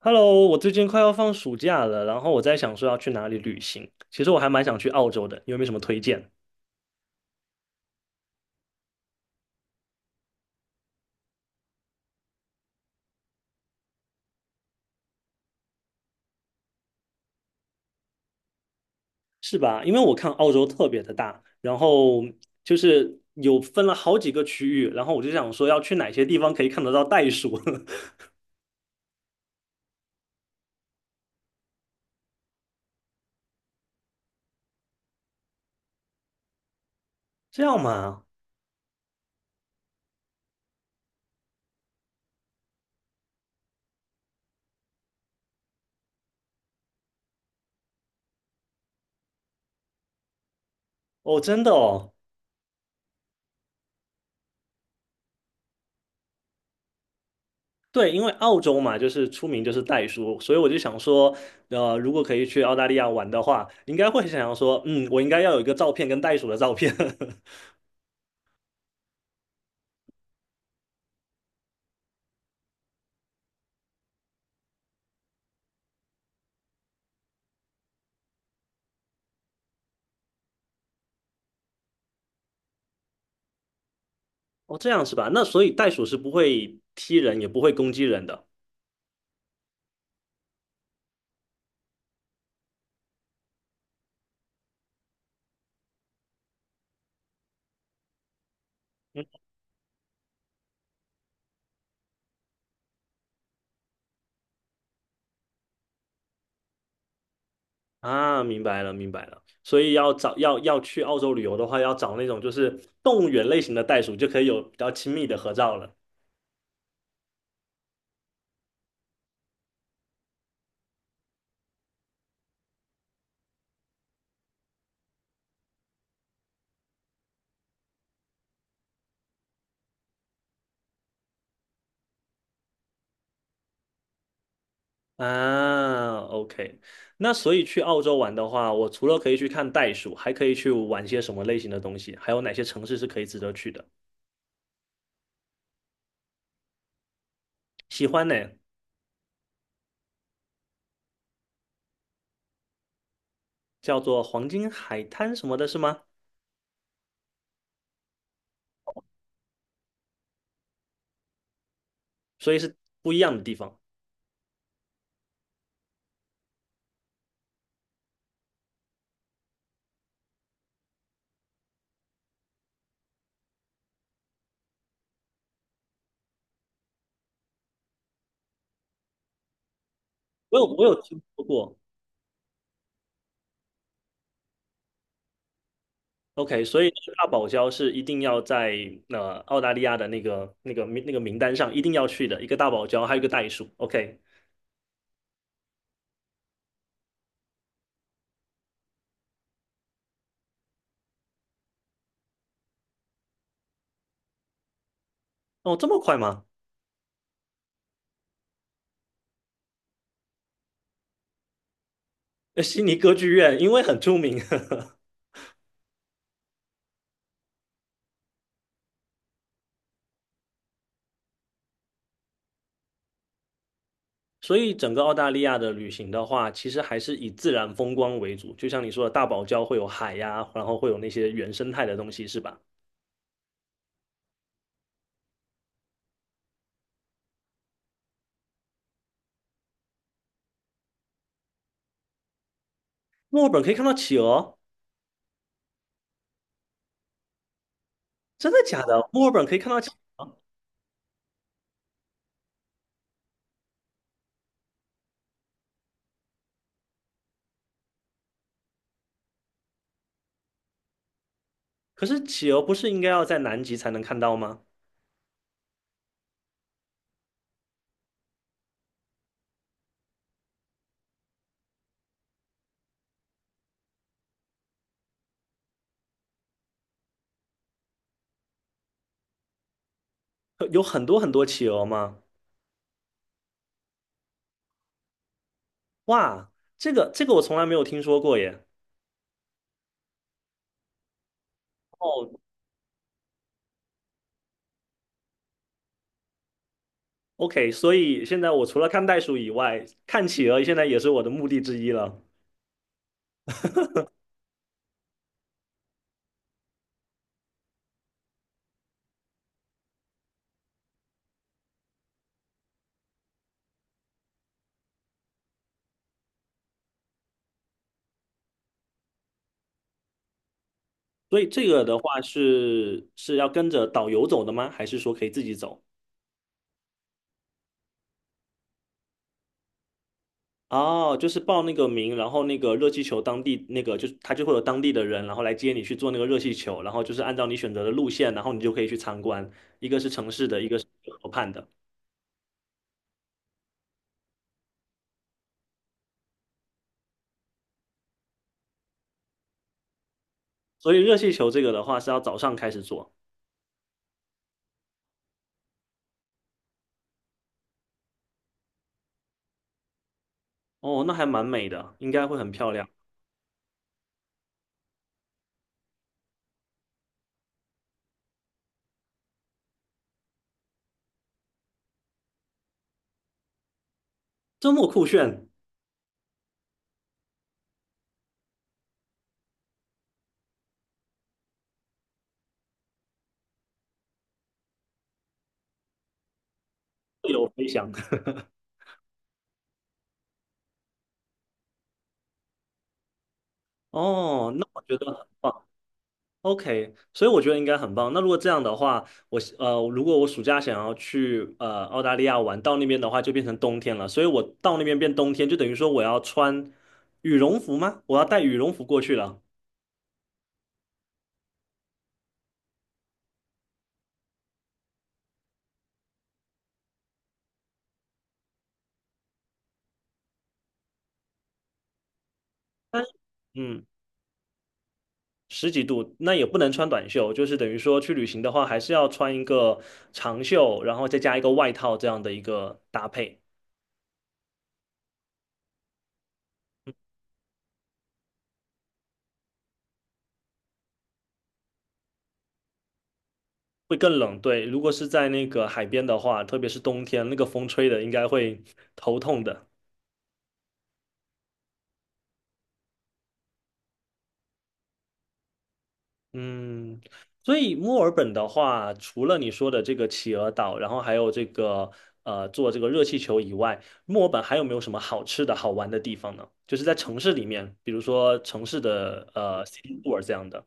Hello，我最近快要放暑假了，然后我在想说要去哪里旅行。其实我还蛮想去澳洲的，你有没有什么推荐？是吧？因为我看澳洲特别的大，然后就是有分了好几个区域，然后我就想说要去哪些地方可以看得到袋鼠。这样嘛？哦，真的哦。对，因为澳洲嘛，就是出名就是袋鼠，所以我就想说，如果可以去澳大利亚玩的话，应该会想要说，嗯，我应该要有一个照片跟袋鼠的照片。哦，这样是吧？那所以袋鼠是不会踢人，也不会攻击人的啊。明白了，明白了。所以要找要去澳洲旅游的话，要找那种就是动物园类型的袋鼠，就可以有比较亲密的合照了啊。OK，那所以去澳洲玩的话，我除了可以去看袋鼠，还可以去玩些什么类型的东西？还有哪些城市是可以值得去的？喜欢呢。叫做黄金海滩什么的，是吗？所以是不一样的地方。我有听说过。OK，所以大堡礁是一定要在澳大利亚的那个那个名那个名单上一定要去的，一个大堡礁，还有一个袋鼠。OK，哦，这么快吗？悉尼歌剧院因为很出名。所以整个澳大利亚的旅行的话，其实还是以自然风光为主。就像你说的，大堡礁会有海呀、然后会有那些原生态的东西，是吧？墨尔本可以看到企鹅。真的假的？墨尔本可以看到企，可是企鹅不是应该要在南极才能看到吗？有很多很多企鹅吗？哇，这个我从来没有听说过耶。哦 OK，所以现在我除了看袋鼠以外，看企鹅现在也是我的目的之一了。所以这个的话是要跟着导游走的吗？还是说可以自己走？哦，就是报那个名，然后那个热气球当地那个就是他就会有当地的人，然后来接你去做那个热气球，然后就是按照你选择的路线，然后你就可以去参观，一个是城市的，一个是河畔的。所以热气球这个的话是要早上开始做。哦，那还蛮美的，应该会很漂亮。周末酷炫，自由飞翔。哦，那我觉得很棒。OK，所以我觉得应该很棒。那如果这样的话，如果我暑假想要去澳大利亚玩，到那边的话就变成冬天了。所以我到那边变冬天，就等于说我要穿羽绒服吗？我要带羽绒服过去了。但嗯，十几度，那也不能穿短袖，就是等于说去旅行的话，还是要穿一个长袖，然后再加一个外套这样的一个搭配。会更冷，对。如果是在那个海边的话，特别是冬天，那个风吹的应该会头痛的。嗯，所以墨尔本的话，除了你说的这个企鹅岛，然后还有这个坐这个热气球以外，墨尔本还有没有什么好吃的好玩的地方呢？就是在城市里面，比如说城市的city tour 这样的。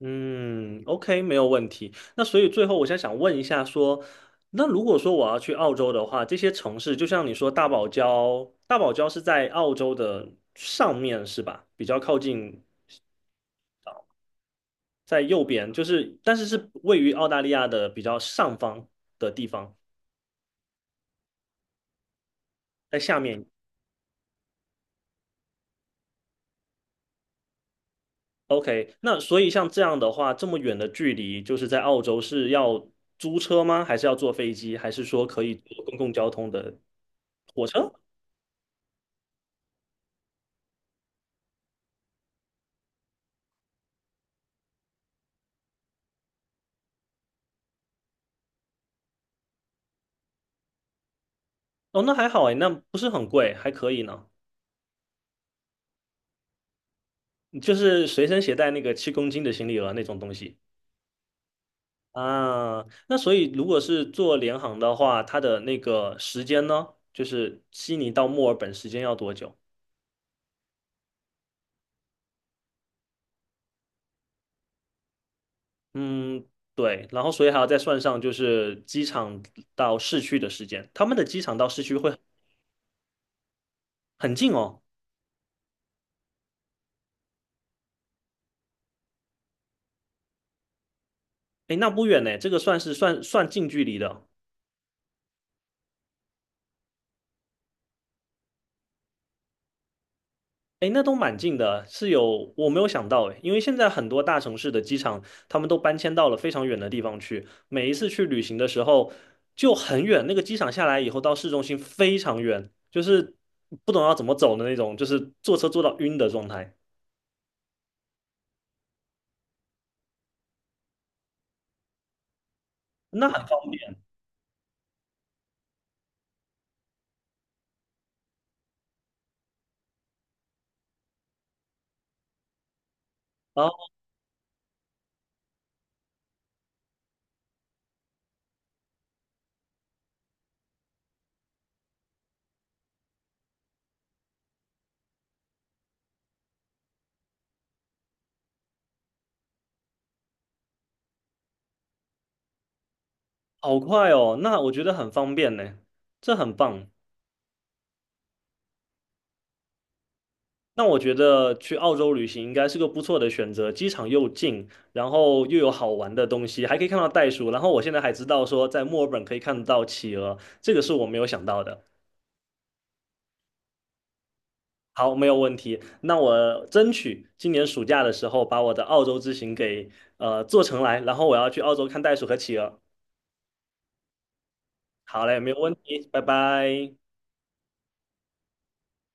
嗯，OK，没有问题。那所以最后，我想问一下说，那如果说我要去澳洲的话，这些城市就像你说大堡礁，大堡礁是在澳洲的上面是吧？比较靠近在右边，就是但是是位于澳大利亚的比较上方的地方，在下面。OK，那所以像这样的话，这么远的距离，就是在澳洲是要租车吗？还是要坐飞机？还是说可以坐公共交通的火车？哦，那还好哎，那不是很贵，还可以呢。就是随身携带那个7公斤的行李额那种东西啊。那所以如果是坐联航的话，它的那个时间呢，就是悉尼到墨尔本时间要多久？嗯，对。然后所以还要再算上就是机场到市区的时间，他们的机场到市区会很近哦。诶，那不远呢，这个算是算近距离的。哎，那都蛮近的啊，是有，我没有想到哎，因为现在很多大城市的机场，他们都搬迁到了非常远的地方去。每一次去旅行的时候就很远，那个机场下来以后到市中心非常远，就是不懂要怎么走的那种，就是坐车坐到晕的状态，那很方便啊，然后好快哦，那我觉得很方便呢，这很棒。那我觉得去澳洲旅行应该是个不错的选择，机场又近，然后又有好玩的东西，还可以看到袋鼠。然后我现在还知道说，在墨尔本可以看得到企鹅，这个是我没有想到的。好，没有问题。那我争取今年暑假的时候把我的澳洲之行给做成来，然后我要去澳洲看袋鼠和企鹅。好嘞，没有问题，拜拜。